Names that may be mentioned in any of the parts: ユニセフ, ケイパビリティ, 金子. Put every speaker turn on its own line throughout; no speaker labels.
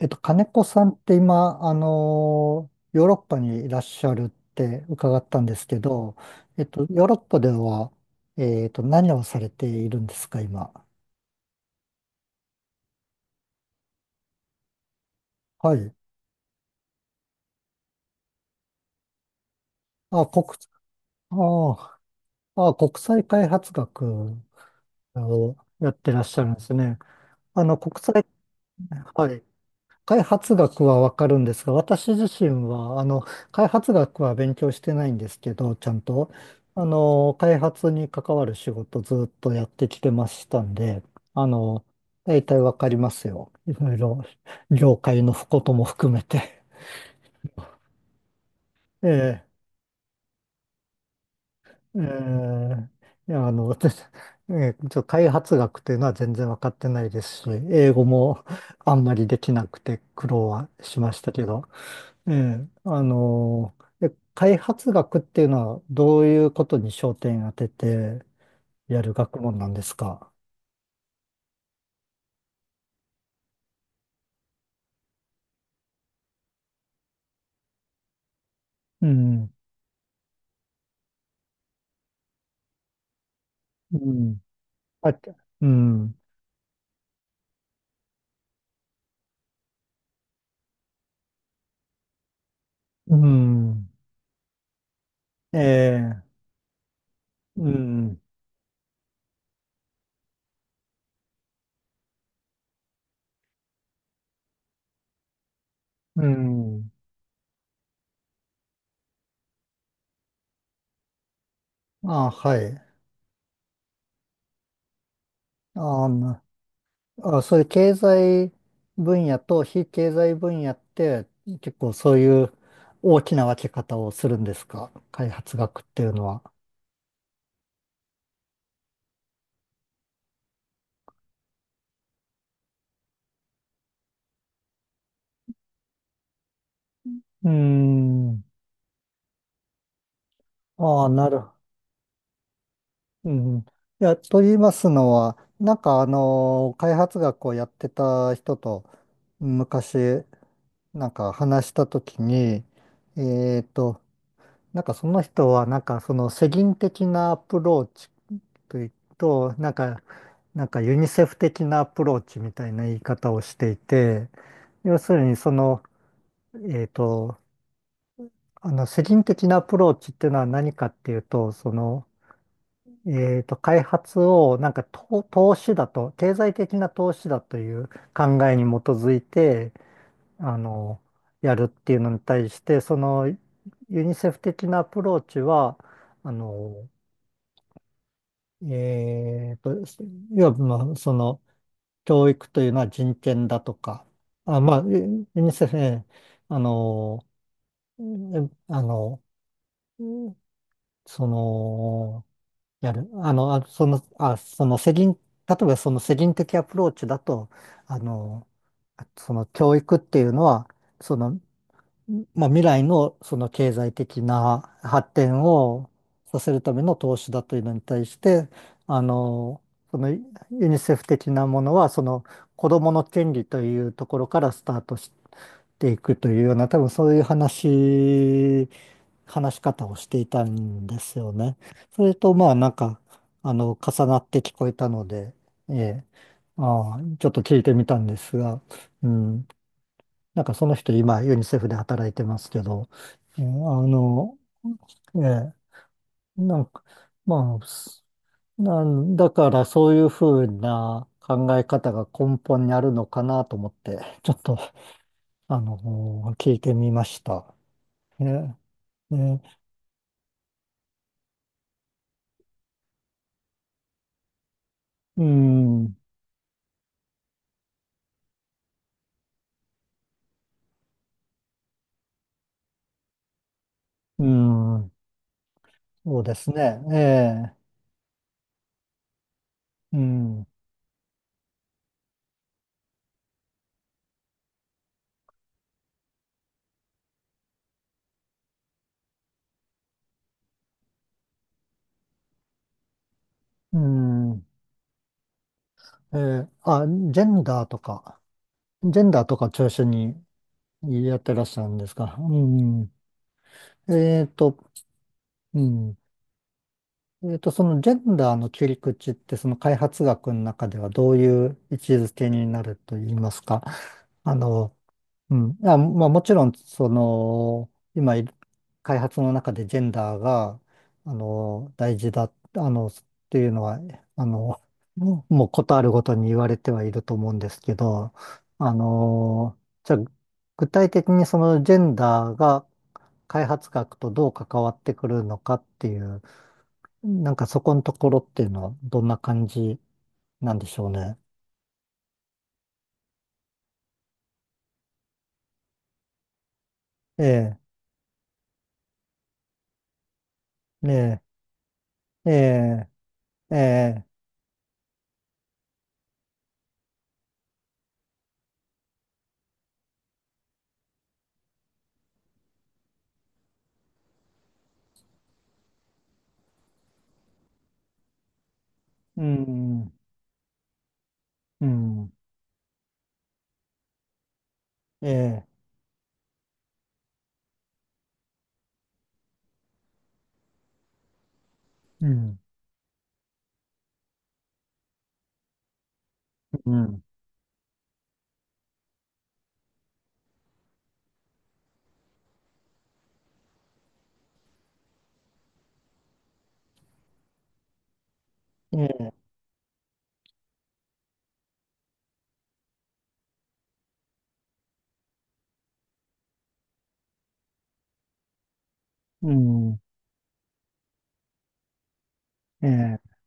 金子さんって今、ヨーロッパにいらっしゃるって伺ったんですけど、ヨーロッパでは、何をされているんですか、今。はい。あ、国、あーあ、国際開発学をやってらっしゃるんですね。あの、国際、はい。開発学はわかるんですが、私自身は、開発学は勉強してないんですけど、ちゃんと、開発に関わる仕事ずっとやってきてましたんで、あの、大体わかりますよ。いろいろ、業界のことも含めて。ええ、ええ、いや、あの、私、ええ、ちょ、開発学というのは全然わかってないですし、英語もあんまりできなくて苦労はしましたけど、ええ、あの、開発学っていうのはどういうことに焦点当ててやる学問なんですか。うん、うん、あ、うん、うん、ええ、うん、うん。あ、はい。あの、なあ、そういう経済分野と非経済分野って結構そういう大きな分け方をするんですか、開発学っていうのは。うーん。ああ、なる。うん。と言いますのは、開発学をやってた人と昔、なんか話したときに、えっと、なんかその人は、なんかその世銀的なアプローチというと、なんかユニセフ的なアプローチみたいな言い方をしていて、要するにその、えっと、世銀的なアプローチっていうのは何かっていうと、その、開発をなんか投資だと、経済的な投資だという考えに基づいて、あの、やるっていうのに対して、そのユニセフ的なアプローチは、あの、えっと、要は、まあ、その、教育というのは人権だとか、ユニセフ、あの、えあの、その、やる。あの、あ、その、あ、その、世倫、例えばその世倫的アプローチだと、あの、その教育っていうのは、そのまあ、未来のその経済的な発展をさせるための投資だというのに対して、あの、そのユニセフ的なものは、その子どもの権利というところからスタートしていくというような、多分そういう話し方をしていたんですよね。それと、重なって聞こえたので、ええ、ああ、ちょっと聞いてみたんですが、うん。なんかその人今ユニセフで働いてますけど、えーあの、えーなんか、まあ、すなんだからそういうふうな考え方が根本にあるのかなと思って、ちょっと、聞いてみました。えー、えー、うん、うん、そうですね。えー、うん、うん、えー、ジェンダーとか、ジェンダーとか中心にやってらっしゃるんですか。うん。えっと、うん。えっと、そのジェンダーの切り口って、その開発学の中ではどういう位置づけになると言いますか。あの、うん。あ、まあ、もちろん、開発の中でジェンダーが、大事だ、っていうのは、あの、もうことあるごとに言われてはいると思うんですけど、あの、じゃあ具体的にそのジェンダーが、開発学とどう関わってくるのかっていう、なんかそこのところっていうのはどんな感じなんでしょうね。ええ、ねえ、ええ、ええ、うん、うん、ええ、うん、うん、ええ、うん、ええ、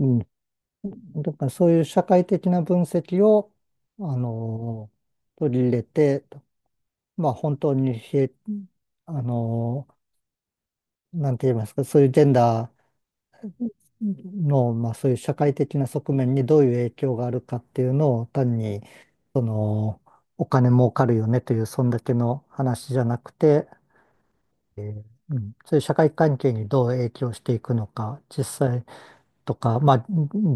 うん。だからそういう社会的な分析を、あの取り入れて、まあ本当にひえ、あのなんて言いますか、そういうジェンダー、の、まあ、そういう社会的な側面にどういう影響があるかっていうのを単に、その、お金儲かるよねという、そんだけの話じゃなくて、うん、そういう社会関係にどう影響していくのか、実際とか、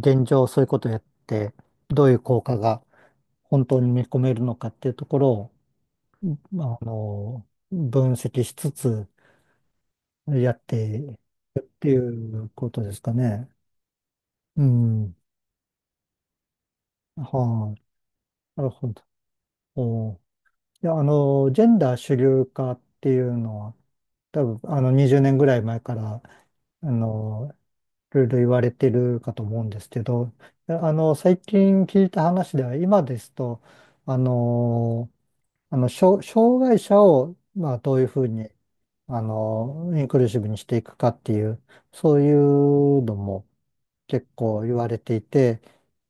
現状そういうことをやって、どういう効果が本当に見込めるのかっていうところを、まああの、分析しつつやってっていうことですかね。うん。はい、なるほど。おーいや、ジェンダー主流化っていうのは、多分、20年ぐらい前から、あの、いろいろ言われてるかと思うんですけど、最近聞いた話では、今ですと、あの、障害者を、まあ、どういうふうに、インクルーシブにしていくかっていう、そういうのも、結構言われていて、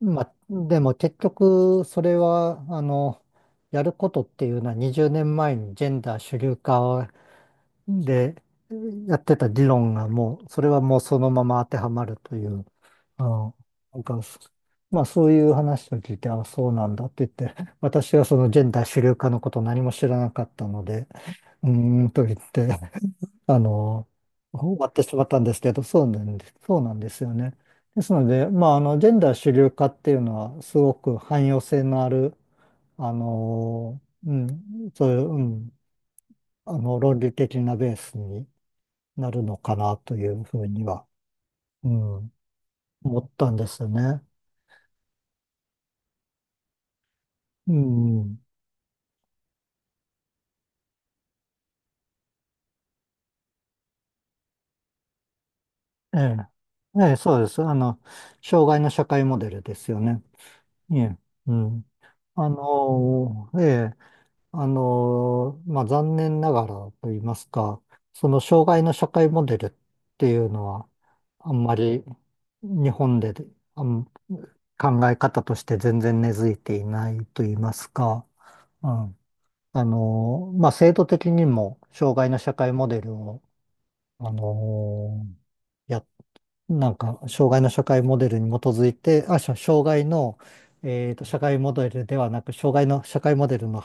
まあ、でも結局それは、やることっていうのは20年前にジェンダー主流化でやってた議論がもう、それはもうそのまま当てはまるという、あの、なんか、まあそういう話を聞いて、あ、そうなんだって言って、私はそのジェンダー主流化のことを何も知らなかったので、うーんと言ってあの、終わってしまったんですけど、そうなんです、そうなんですよね。ですので、まあ、ジェンダー主流化っていうのは、すごく汎用性のある、あの、うん、そういう、うん、あの、論理的なベースになるのかなというふうには、うん、思ったんですよね。うん、ええ、ええ、そうです。あの、障害の社会モデルですよね。ええ、うん。あの、ええまあ、残念ながらと言いますか、その障害の社会モデルっていうのは、あんまり日本で考え方として全然根付いていないと言いますか、うん、まあ、制度的にも障害の社会モデルを、あの、や、なんか、障害の社会モデルに基づいて、あ、しょ障害の、えっと、社会モデルではなく、障害の社会モデルの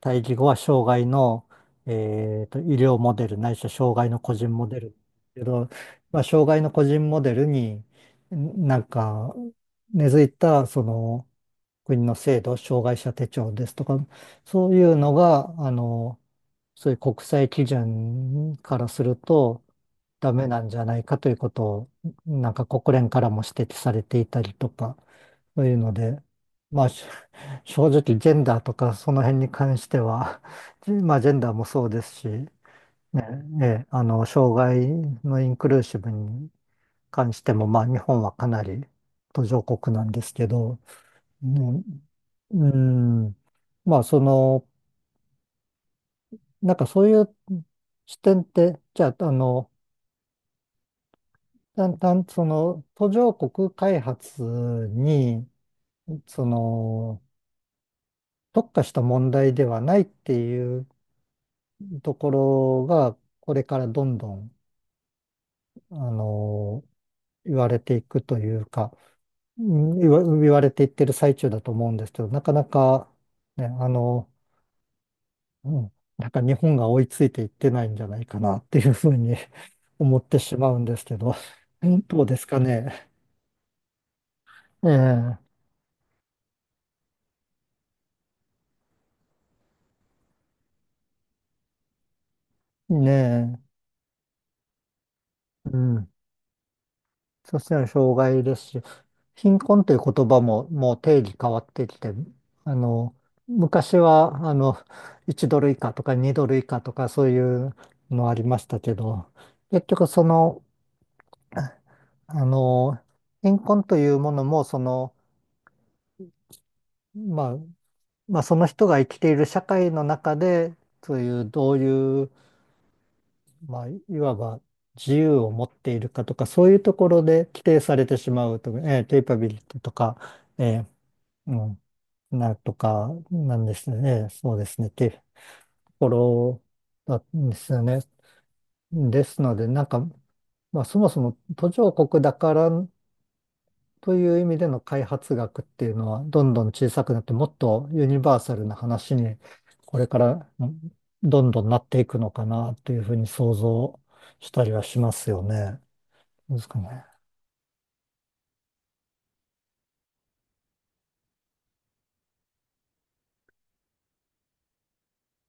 対義語は障害の、えーと、医療モデルないしは障害の個人モデルけど、まあ、障害の個人モデルにんなんか根付いたその国の制度、障害者手帳ですとか、そういうのが、そういう国際基準からするとダメなんじゃないかということを、なんか国連からも指摘されていたりとか、そういうので、まあ、し正直ジェンダーとかその辺に関しては、まあジェンダーもそうですし、ね、障害のインクルーシブに関しても、まあ日本はかなり途上国なんですけど、ね、うん、まあそのなんかそういう視点って、じゃあ、だんだん、その、途上国開発に、その、特化した問題ではないっていうところが、これからどんどん、あの、言われていくというか、言われていってる最中だと思うんですけど、なかなか、ね、うん、なんか日本が追いついていってないんじゃないかなっていうふうに 思ってしまうんですけど、どうですかね。ええ、ねえ、うん。そしたら障害ですし、貧困っていう言葉ももう定義変わってきて、あの、昔は、1ドル以下とか2ドル以下とかそういうのありましたけど、結局その、あの、貧困というものも、まあ、まあ、その人が生きている社会の中で、そういう、どういうまあ、いわば自由を持っているかとか、そういうところで規定されてしまうと、えー、ケイパビリティとか、えーうなるとか、なんですね。えーそうですね。っていうところなんですよね。ですので、そもそも途上国だからという意味での開発学っていうのはどんどん小さくなってもっとユニバーサルな話にこれからどんどんなっていくのかなというふうに想像したりはしますよね。ですかね。